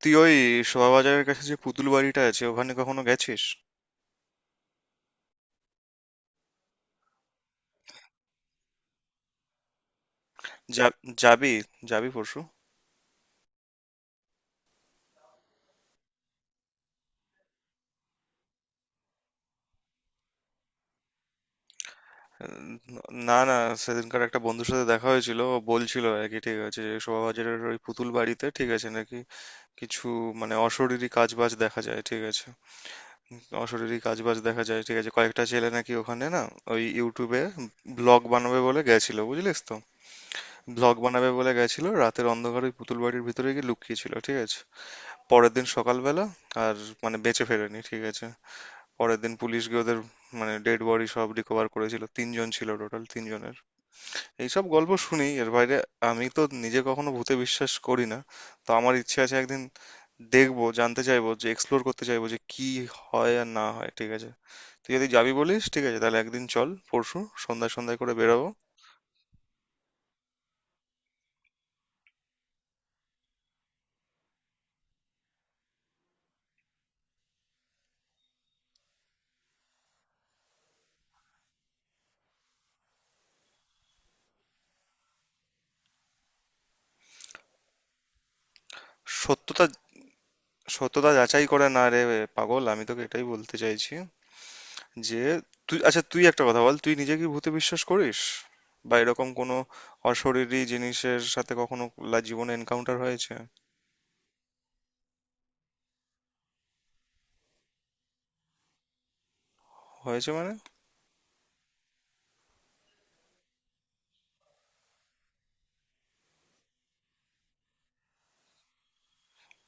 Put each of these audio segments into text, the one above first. তুই ওই শোভাবাজারের কাছে যে পুতুল বাড়িটা আছে ওখানে কখনো গেছিস? যা, যাবি যাবি পরশু? উম, না, না, সেদিনকার একটা বন্ধুর সাথে দেখা হয়েছিল, ও বলছিল আর কি, ঠিক আছে, যে শোভাবাজারের ওই পুতুল বাড়িতে ঠিক আছে নাকি কিছু, মানে অশরীরী কাজবাজ দেখা যায়, ঠিক আছে। অশরীরী কাজবাজ দেখা যায়, ঠিক আছে, কয়েকটা ছেলে নাকি ওখানে, না, ওই ইউটিউবে ব্লগ বানাবে বলে গেছিল, বুঝলিস তো, ব্লগ বানাবে বলে গেছিল, রাতের অন্ধকারে ওই পুতুল বাড়ির ভিতরে গিয়ে লুকিয়েছিল, ঠিক আছে। পরের দিন সকালবেলা আর মানে বেঁচে ফেরেনি, ঠিক আছে। পরের দিন পুলিশ গিয়ে ওদের মানে ডেড বডি সব রিকভার করেছিল, তিনজন ছিল টোটাল, তিনজনের এইসব গল্প শুনি এর বাইরে। আমি তো নিজে কখনো ভূতে বিশ্বাস করি না, তো আমার ইচ্ছে আছে একদিন দেখবো, জানতে চাইবো, যে এক্সপ্লোর করতে চাইবো যে কি হয় আর না হয়, ঠিক আছে। তুই যদি যাবি বলিস ঠিক আছে, তাহলে একদিন চল, পরশু সন্ধ্যায় সন্ধ্যায় করে বেরোবো। সত্যতা সত্যতা যাচাই করে না রে পাগল, আমি তোকে এটাই বলতে চাইছি যে তুই, আচ্ছা তুই একটা কথা বল, তুই নিজে কি ভূতে বিশ্বাস করিস? বা এরকম কোনো অশরীরী জিনিসের সাথে কখনো জীবনে এনকাউন্টার হয়েছে? হয়েছে মানে?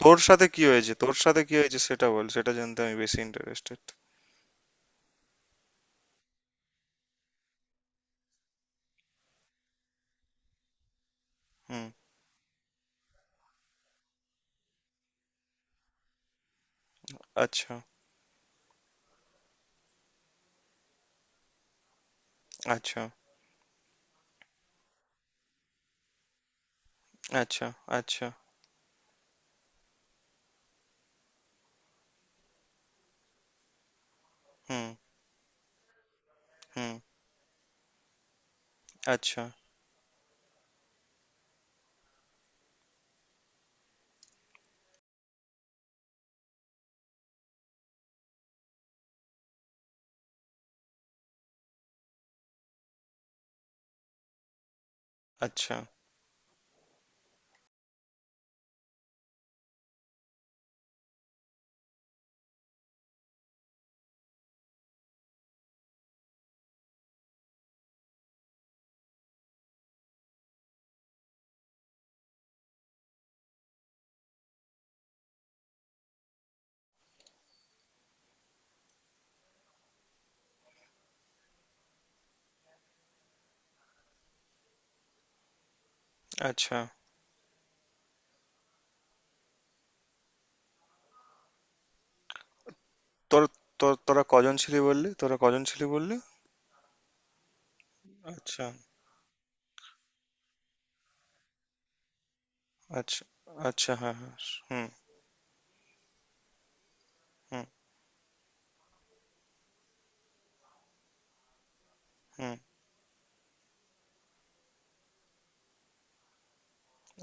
তোর সাথে কি হয়েছে, তোর সাথে কি হয়েছে সেটা বল, সেটা জানতে আমি বেশি ইন্টারেস্টেড। হুম। আচ্ছা। আচ্ছা। আচ্ছা। আচ্ছা। হুম। হুম। আচ্ছা। আচ্ছা। আচ্ছা। তোর তোর তোরা কজন ছিলি বললি? আচ্ছা। আচ্ছা। আচ্ছা, হ্যাঁ, হ্যাঁ। হুম। হুম। হুম।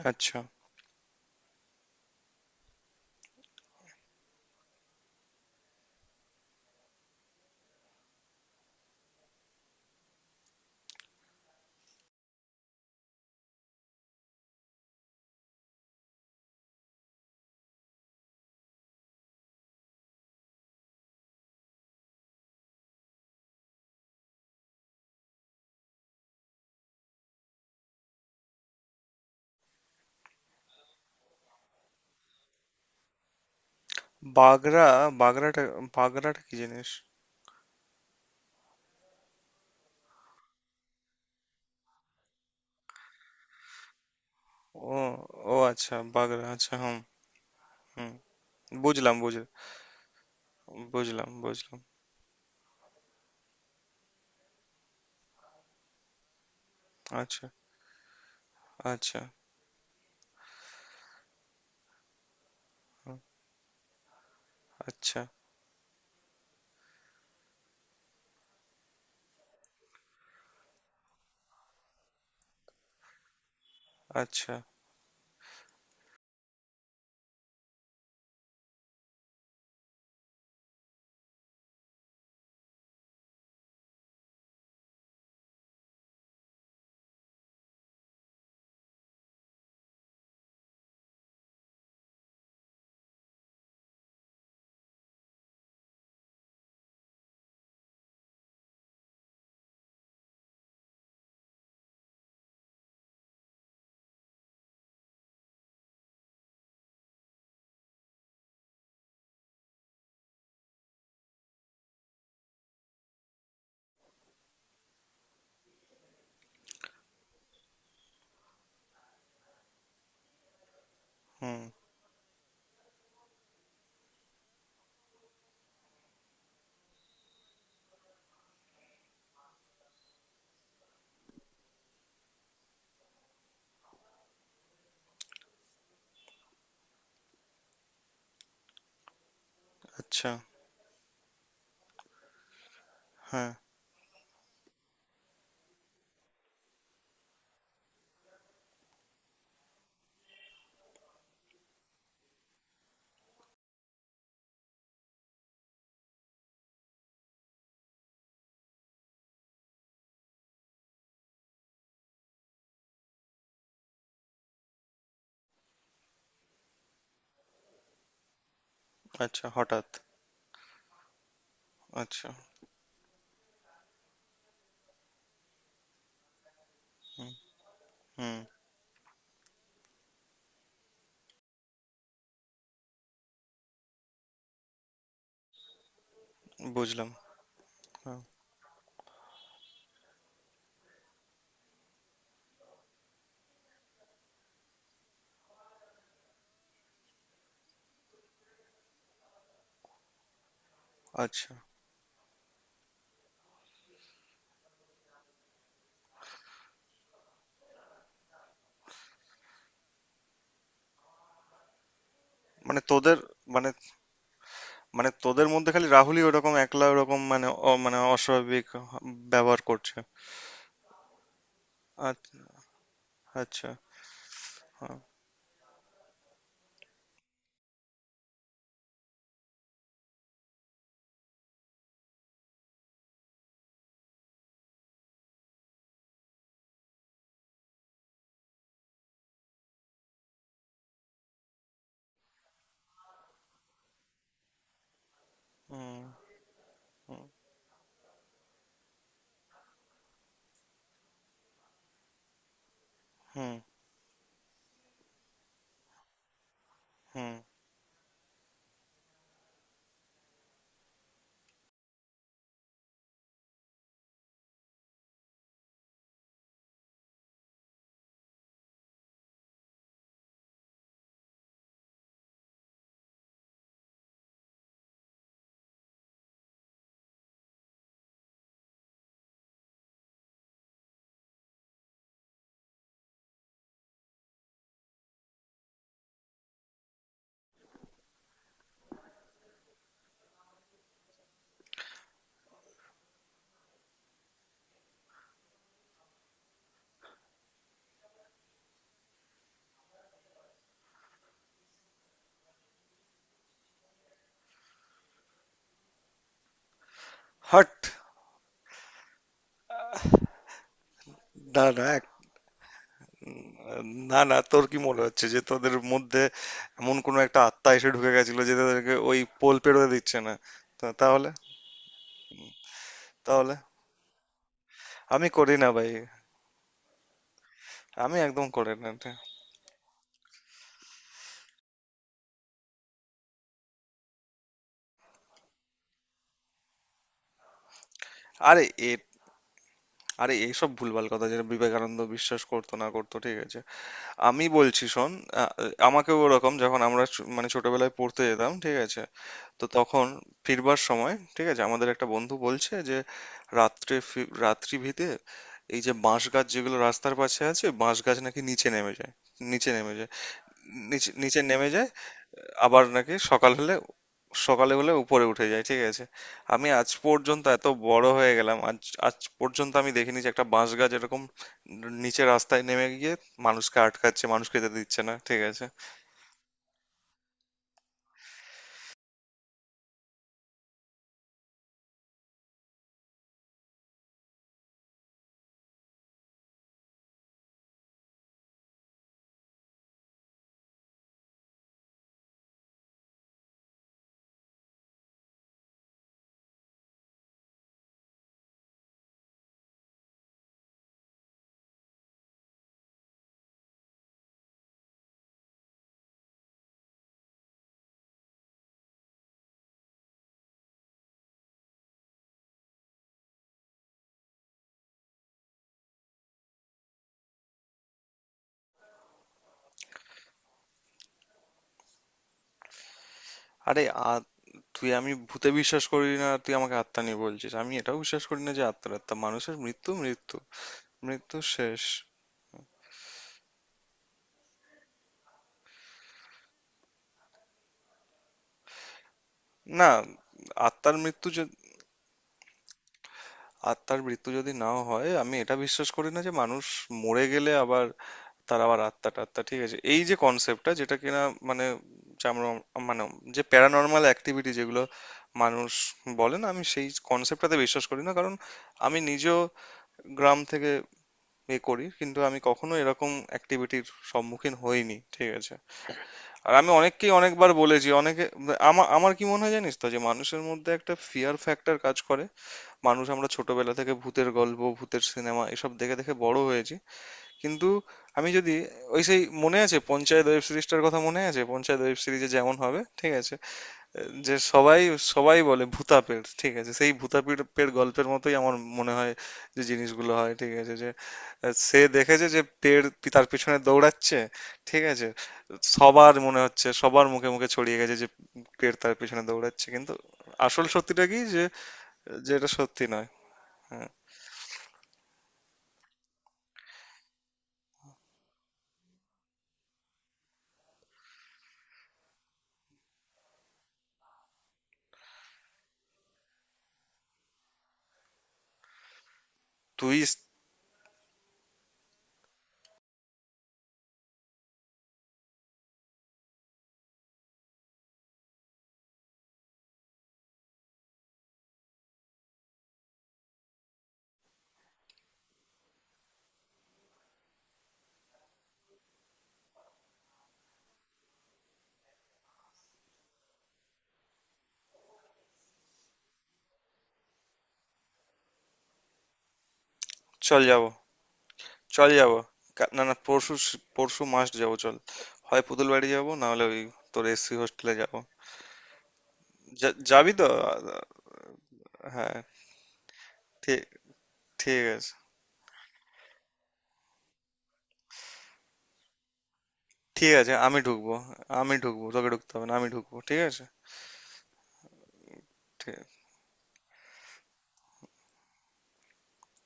আচ্ছা। বাগরা, বাগরাটা বাগরাটা কি জিনিস? ও, ও আচ্ছা, বাগরা, আচ্ছা। হুম। হুম। বুঝলাম বুঝলাম বুঝলাম বুঝলাম আচ্ছা। আচ্ছা। হুম। আচ্ছা। আচ্ছা। হুম। আচ্ছা। হ্যাঁ। আচ্ছা, হঠাৎ? আচ্ছা। হুম। বুঝলাম। হ্যাঁ। আচ্ছা, মানে তোদের, মানে মানে তোদের মধ্যে খালি রাহুলই ওরকম একলা, ওরকম মানে অ মানে অস্বাভাবিক ব্যবহার করছে? আচ্ছা। আচ্ছা। হুম। হুম। হুম। হুম। হট। দাঁড়া, না না, তোর কি মনে হচ্ছে যে তোদের মধ্যে এমন কোনো একটা আত্মা এসে ঢুকে গেছিল যে তাদেরকে ওই পোল পেরোতে দিচ্ছে না? তো তাহলে? তাহলে আমি করি না ভাই, আমি একদম করি না এটা। আরে এ আরে এইসব ভুলভাল কথা, যেটা বিবেকানন্দ বিশ্বাস করতো না করতো ঠিক আছে, আমি বলছি শোন। আ- আমাকেও ওরকম, যখন আমরা মানে ছোটবেলায় পড়তে যেতাম, ঠিক আছে, তো তখন ফিরবার সময়, ঠিক আছে, আমাদের একটা বন্ধু বলছে যে রাত্রি ভিতে এই যে বাঁশ গাছ যেগুলো রাস্তার পাশে আছে, বাঁশ গাছ নাকি নিচে নেমে যায়, নিচে নেমে যায় নিচে নিচে নেমে যায়, আবার নাকি সকাল হলে, সকালে হলে উপরে উঠে যায়, ঠিক আছে। আমি আজ পর্যন্ত এত বড় হয়ে গেলাম, আজ আজ পর্যন্ত আমি দেখিনি যে একটা বাঁশ গাছ এরকম নিচে রাস্তায় নেমে গিয়ে মানুষকে আটকাচ্ছে, মানুষ খেতে দিচ্ছে না, ঠিক আছে। আরে আ- তুই, আমি ভূতে বিশ্বাস করি না, তুই আমাকে আত্মা নিয়ে বলছিস, আমি এটাও বিশ্বাস করি না যে আত্মার, আত্মা, মানুষের মৃত্যু, মৃত্যু শেষ। না, আত্মার মৃত্যু যদি, আত্মার মৃত্যু যদি নাও হয়, আমি এটা বিশ্বাস করি না যে মানুষ মরে গেলে আবার, তার আবার আত্মা টাত্মা, ঠিক আছে, এই যে কনসেপ্টটা যেটা কিনা মানে যে আমরা মানে যে প্যারানর্মাল অ্যাক্টিভিটি যেগুলো মানুষ বলে না, আমি সেই কনসেপ্টটাতে বিশ্বাস করি না, কারণ আমি নিজেও গ্রাম থেকে এ করি, কিন্তু আমি কখনো এরকম অ্যাক্টিভিটির সম্মুখীন হইনি, ঠিক আছে। আর আমি অনেককেই অনেকবার বলেছি, অনেকে, আমার, আমার কি মনে হয় জানিস তো, যে মানুষের মধ্যে একটা ফিয়ার ফ্যাক্টর কাজ করে, মানুষ, আমরা ছোটবেলা থেকে ভূতের গল্প, ভূতের সিনেমা এসব দেখে দেখে বড় হয়েছি, কিন্তু আমি যদি, ওই সেই মনে আছে পঞ্চায়েত ওয়েব সিরিজটার কথা মনে আছে, পঞ্চায়েত ওয়েব সিরিজে যেমন হবে, ঠিক আছে, যে সবাই, সবাই বলে ভূতাপেড়, ঠিক আছে, সেই ভূতাপেড় পেড় গল্পের মতোই আমার মনে হয় যে জিনিসগুলো হয়, ঠিক আছে, যে সে দেখেছে যে তার পিছনে দৌড়াচ্ছে, ঠিক আছে, সবার মনে হচ্ছে, সবার মুখে মুখে ছড়িয়ে গেছে যে পেড় তার পিছনে দৌড়াচ্ছে, কিন্তু আসল সত্যিটা কি, যে যে এটা সত্যি নয়। হ্যাঁ। তুই স- চল যাব। চল যাব, না না পরশু, পরশু মাস্ট যাব, চল। হয় পুতুল বাড়ি যাবো, না হলে ওই তোর এসসি হোস্টেলে যাব। যাবি তো? আ- হ্যাঁ। ঠিক, ঠিক আছে। ঠিক আছে, আমি ঢুকবো। আমি ঢুকবো। তোকে ঢুকতে হবে না। আমি ঢুকবো। ঠিক আছে? ঠিক আছে।